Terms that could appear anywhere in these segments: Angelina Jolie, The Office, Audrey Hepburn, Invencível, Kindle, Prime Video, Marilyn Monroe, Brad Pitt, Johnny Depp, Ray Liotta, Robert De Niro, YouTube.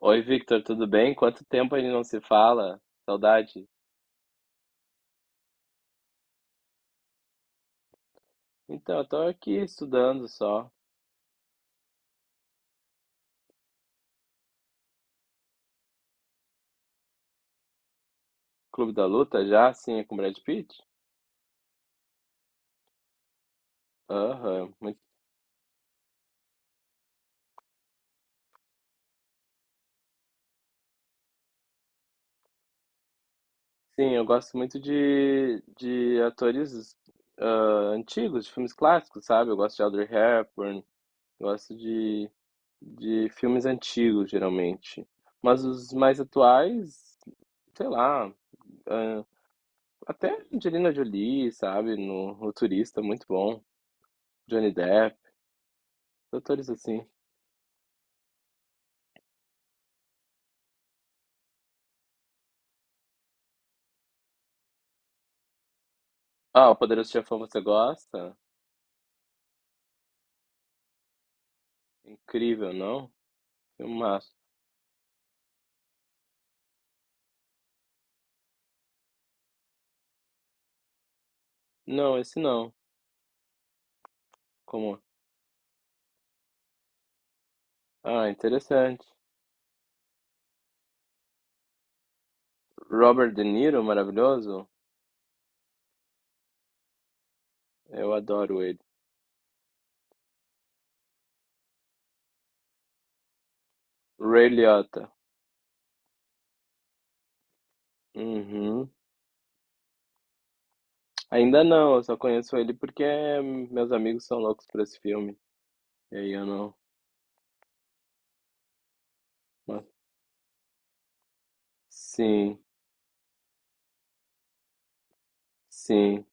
Oi, Victor, tudo bem? Quanto tempo a gente não se fala? Saudade. Então, eu tô aqui estudando só. Clube da Luta já? Sim, é com Brad Pitt? Aham. Sim, eu gosto muito de atores ah, antigos, de filmes clássicos, sabe? Eu gosto de Audrey Hepburn, gosto de, de filmes antigos, geralmente. Mas os mais atuais, sei lá, ah, até Angelina Jolie, sabe? No Turista, muito bom. Johnny Depp, atores assim. Ah, o Poderoso Chefão você gosta? Incrível, não? Filmaço. Não, esse não. Como? Ah, interessante. Robert De Niro, maravilhoso? Eu adoro ele. Ray Liotta. Uhum. Ainda não, eu só conheço ele porque meus amigos são loucos por esse filme. E aí eu não. mas- Sim, sim.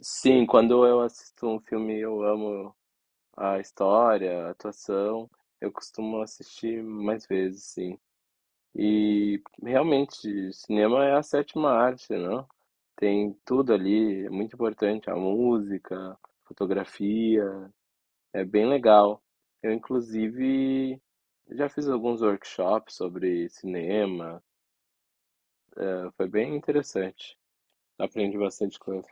Sim, quando eu assisto um filme eu amo a história, a atuação, eu costumo assistir mais vezes, sim. E realmente, cinema é a sétima arte, não. Tem tudo ali, é muito importante, a música, fotografia, é bem legal. Eu, inclusive, já fiz alguns workshops sobre cinema, foi bem interessante. Aprendi bastante coisa.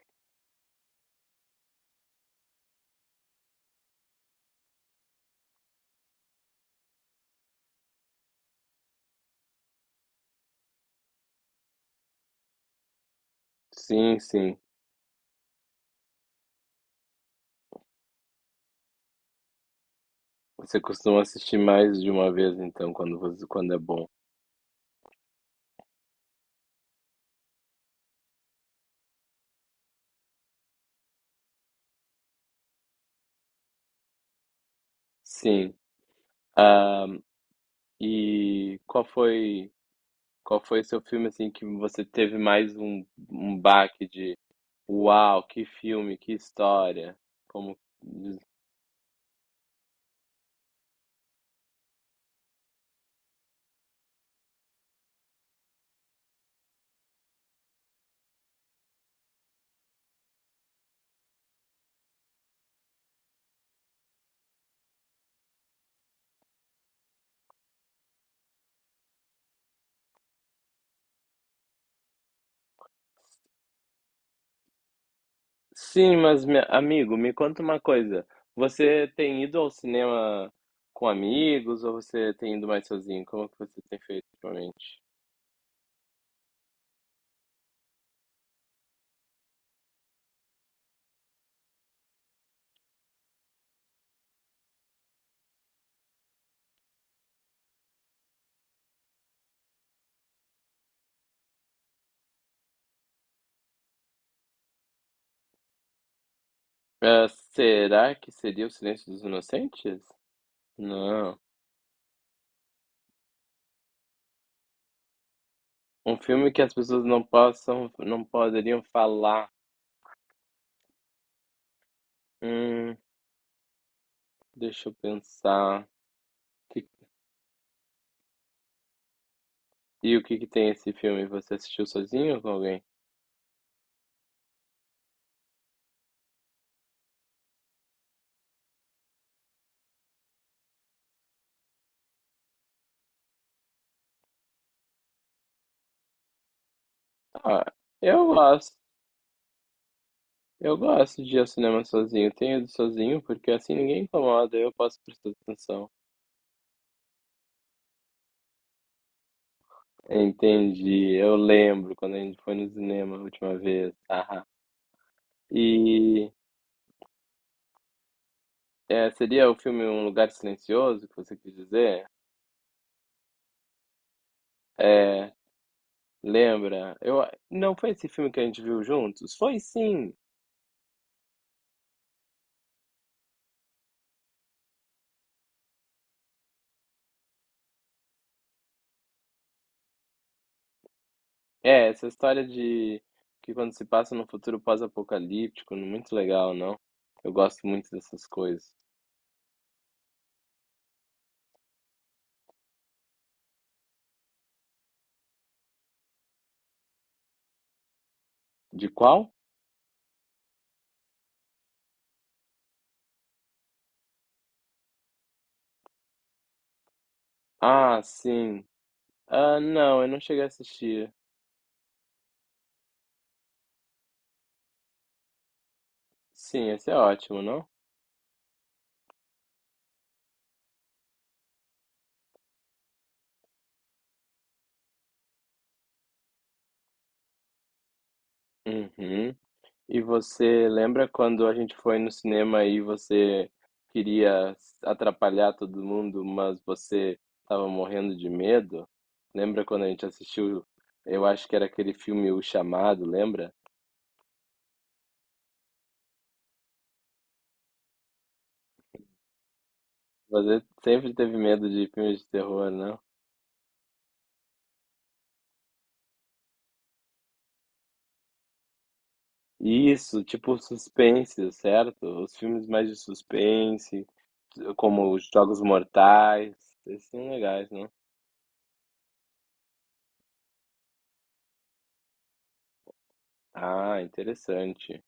Sim, sim. Você costuma assistir mais de uma vez, então, quando é bom. Sim. Ah, e qual foi Qual foi o seu filme assim que você teve mais um baque de uau, que filme, que história? Como. Sim, amigo, me conta uma coisa. Você tem ido ao cinema com amigos ou você tem ido mais sozinho? Como que você tem feito ultimamente? Ah, será que seria O Silêncio dos Inocentes? Não. Um filme que as pessoas não poderiam falar. Hum, deixa eu pensar. E o que que tem esse filme? Você assistiu sozinho ou com alguém? Ah, eu gosto. Eu gosto de ir ao cinema sozinho. Tenho ido sozinho porque assim ninguém incomoda, eu posso prestar atenção. Entendi. Eu lembro quando a gente foi no cinema a última vez. Haha. E é, seria o filme Um Lugar Silencioso que você quis dizer? É, lembra? Não foi esse filme que a gente viu juntos? Foi sim. É, essa história de que quando se passa num futuro pós-apocalíptico, muito legal, não? Eu gosto muito dessas coisas. De qual? Ah, sim. Ah, não, eu não cheguei a assistir. Sim, esse é ótimo, não? Uhum. E você lembra quando a gente foi no cinema e você queria atrapalhar todo mundo, mas você estava morrendo de medo? Lembra quando a gente assistiu, eu acho que era aquele filme O Chamado, lembra? Você sempre teve medo de filmes de terror, não? Isso, tipo suspense, certo? Os filmes mais de suspense, como os Jogos Mortais, esses são legais, não? Ah, interessante.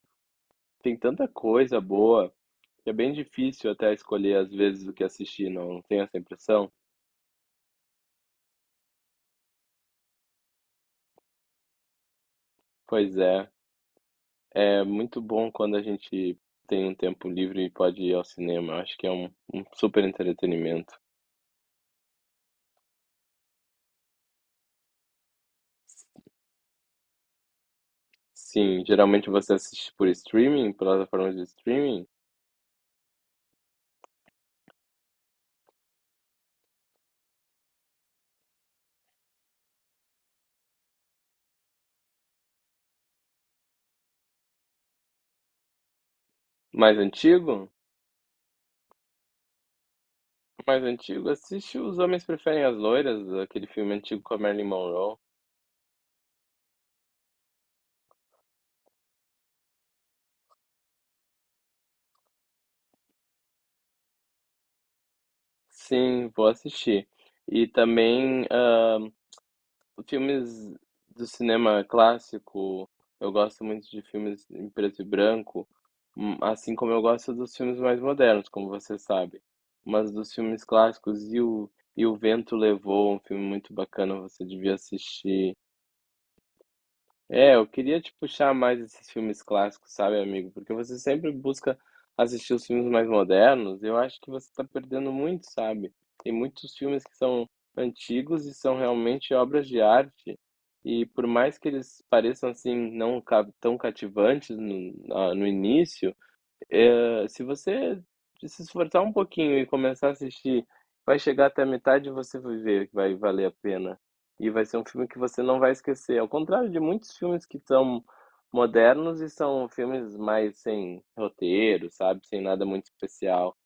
Tem tanta coisa boa que é bem difícil até escolher às vezes o que assistir, não tem essa impressão? Pois é, é muito bom quando a gente tem um tempo livre e pode ir ao cinema. Eu acho que é um super entretenimento. Sim, geralmente você assiste por streaming, plataformas de streaming? Mais antigo? Mais antigo? Assiste Os Homens Preferem as Loiras, aquele filme antigo com a Marilyn Monroe. Sim, vou assistir. E também filmes do cinema clássico. Eu gosto muito de filmes em preto e branco, assim como eu gosto dos filmes mais modernos, como você sabe. Mas dos filmes clássicos, e o Vento Levou, um filme muito bacana, você devia assistir. É, eu queria te puxar mais esses filmes clássicos, sabe, amigo? Porque você sempre busca assistir os filmes mais modernos. Eu acho que você está perdendo muito, sabe? Tem muitos filmes que são antigos e são realmente obras de arte. E por mais que eles pareçam assim tão cativantes no início, se você se esforçar um pouquinho e começar a assistir, vai chegar até a metade e você vai ver que vai valer a pena. E vai ser um filme que você não vai esquecer. Ao contrário de muitos filmes que são modernos e são filmes mais sem roteiro, sabe? Sem nada muito especial.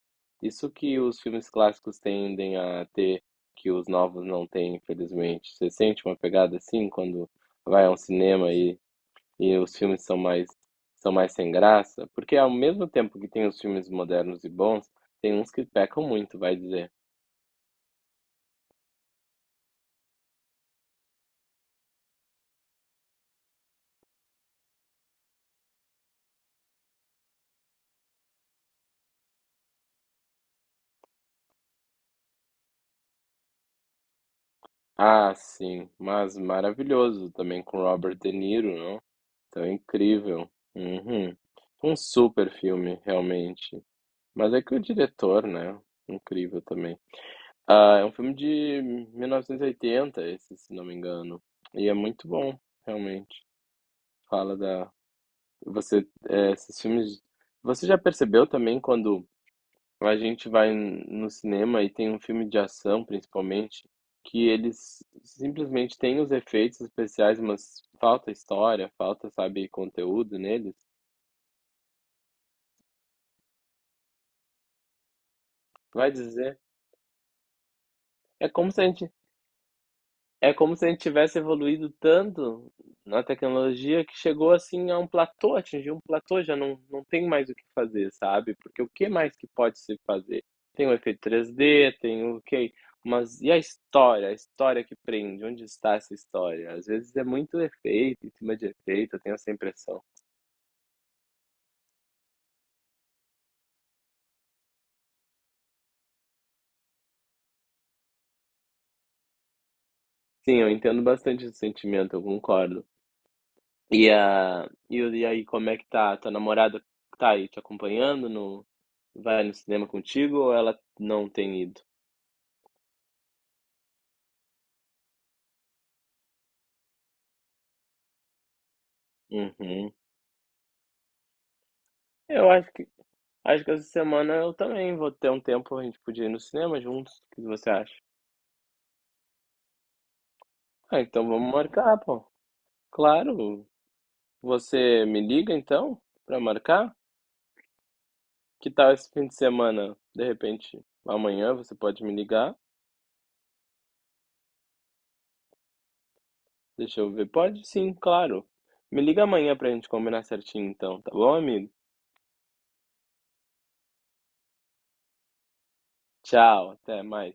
Isso que os filmes clássicos tendem a ter, que os novos não têm, infelizmente. Você sente uma pegada assim quando vai a um cinema e os filmes são mais sem graça, porque ao mesmo tempo que tem os filmes modernos e bons, tem uns que pecam muito, vai dizer. Ah, sim, mas maravilhoso também com Robert De Niro, não? Então é incrível. Uhum. Um super filme, realmente. Mas é que o diretor, né? Incrível também. Ah, é um filme de 1980, esse, se não me engano. E é muito bom, realmente. Fala da Você, esses filmes. Você já percebeu também quando a gente vai no cinema e tem um filme de ação, principalmente, que eles simplesmente têm os efeitos especiais, mas falta história, falta, sabe, conteúdo neles? Vai dizer. É como se a gente, É como se a gente tivesse evoluído tanto na tecnologia que chegou, assim, a um platô, atingiu um platô, já não tem mais o que fazer, sabe, porque o que mais que pode se fazer? Tem o efeito três d tem o que mas e a história? A história que prende, onde está essa história? Às vezes é muito efeito, em cima de efeito, eu tenho essa impressão. Sim, eu entendo bastante esse sentimento, eu concordo. E aí, como é que tá? Tua namorada tá aí te acompanhando? No, vai no cinema contigo ou ela não tem ido? Uhum. Eu acho que essa semana eu também vou ter um tempo, a gente podia ir no cinema juntos. O que você acha? Ah, então vamos marcar, pô. Claro. Você me liga então pra marcar? Que tal esse fim de semana? De repente, amanhã você pode me ligar? Deixa eu ver. Pode sim, claro. Me liga amanhã pra gente combinar certinho então, tá bom, amigo? Tchau, até mais.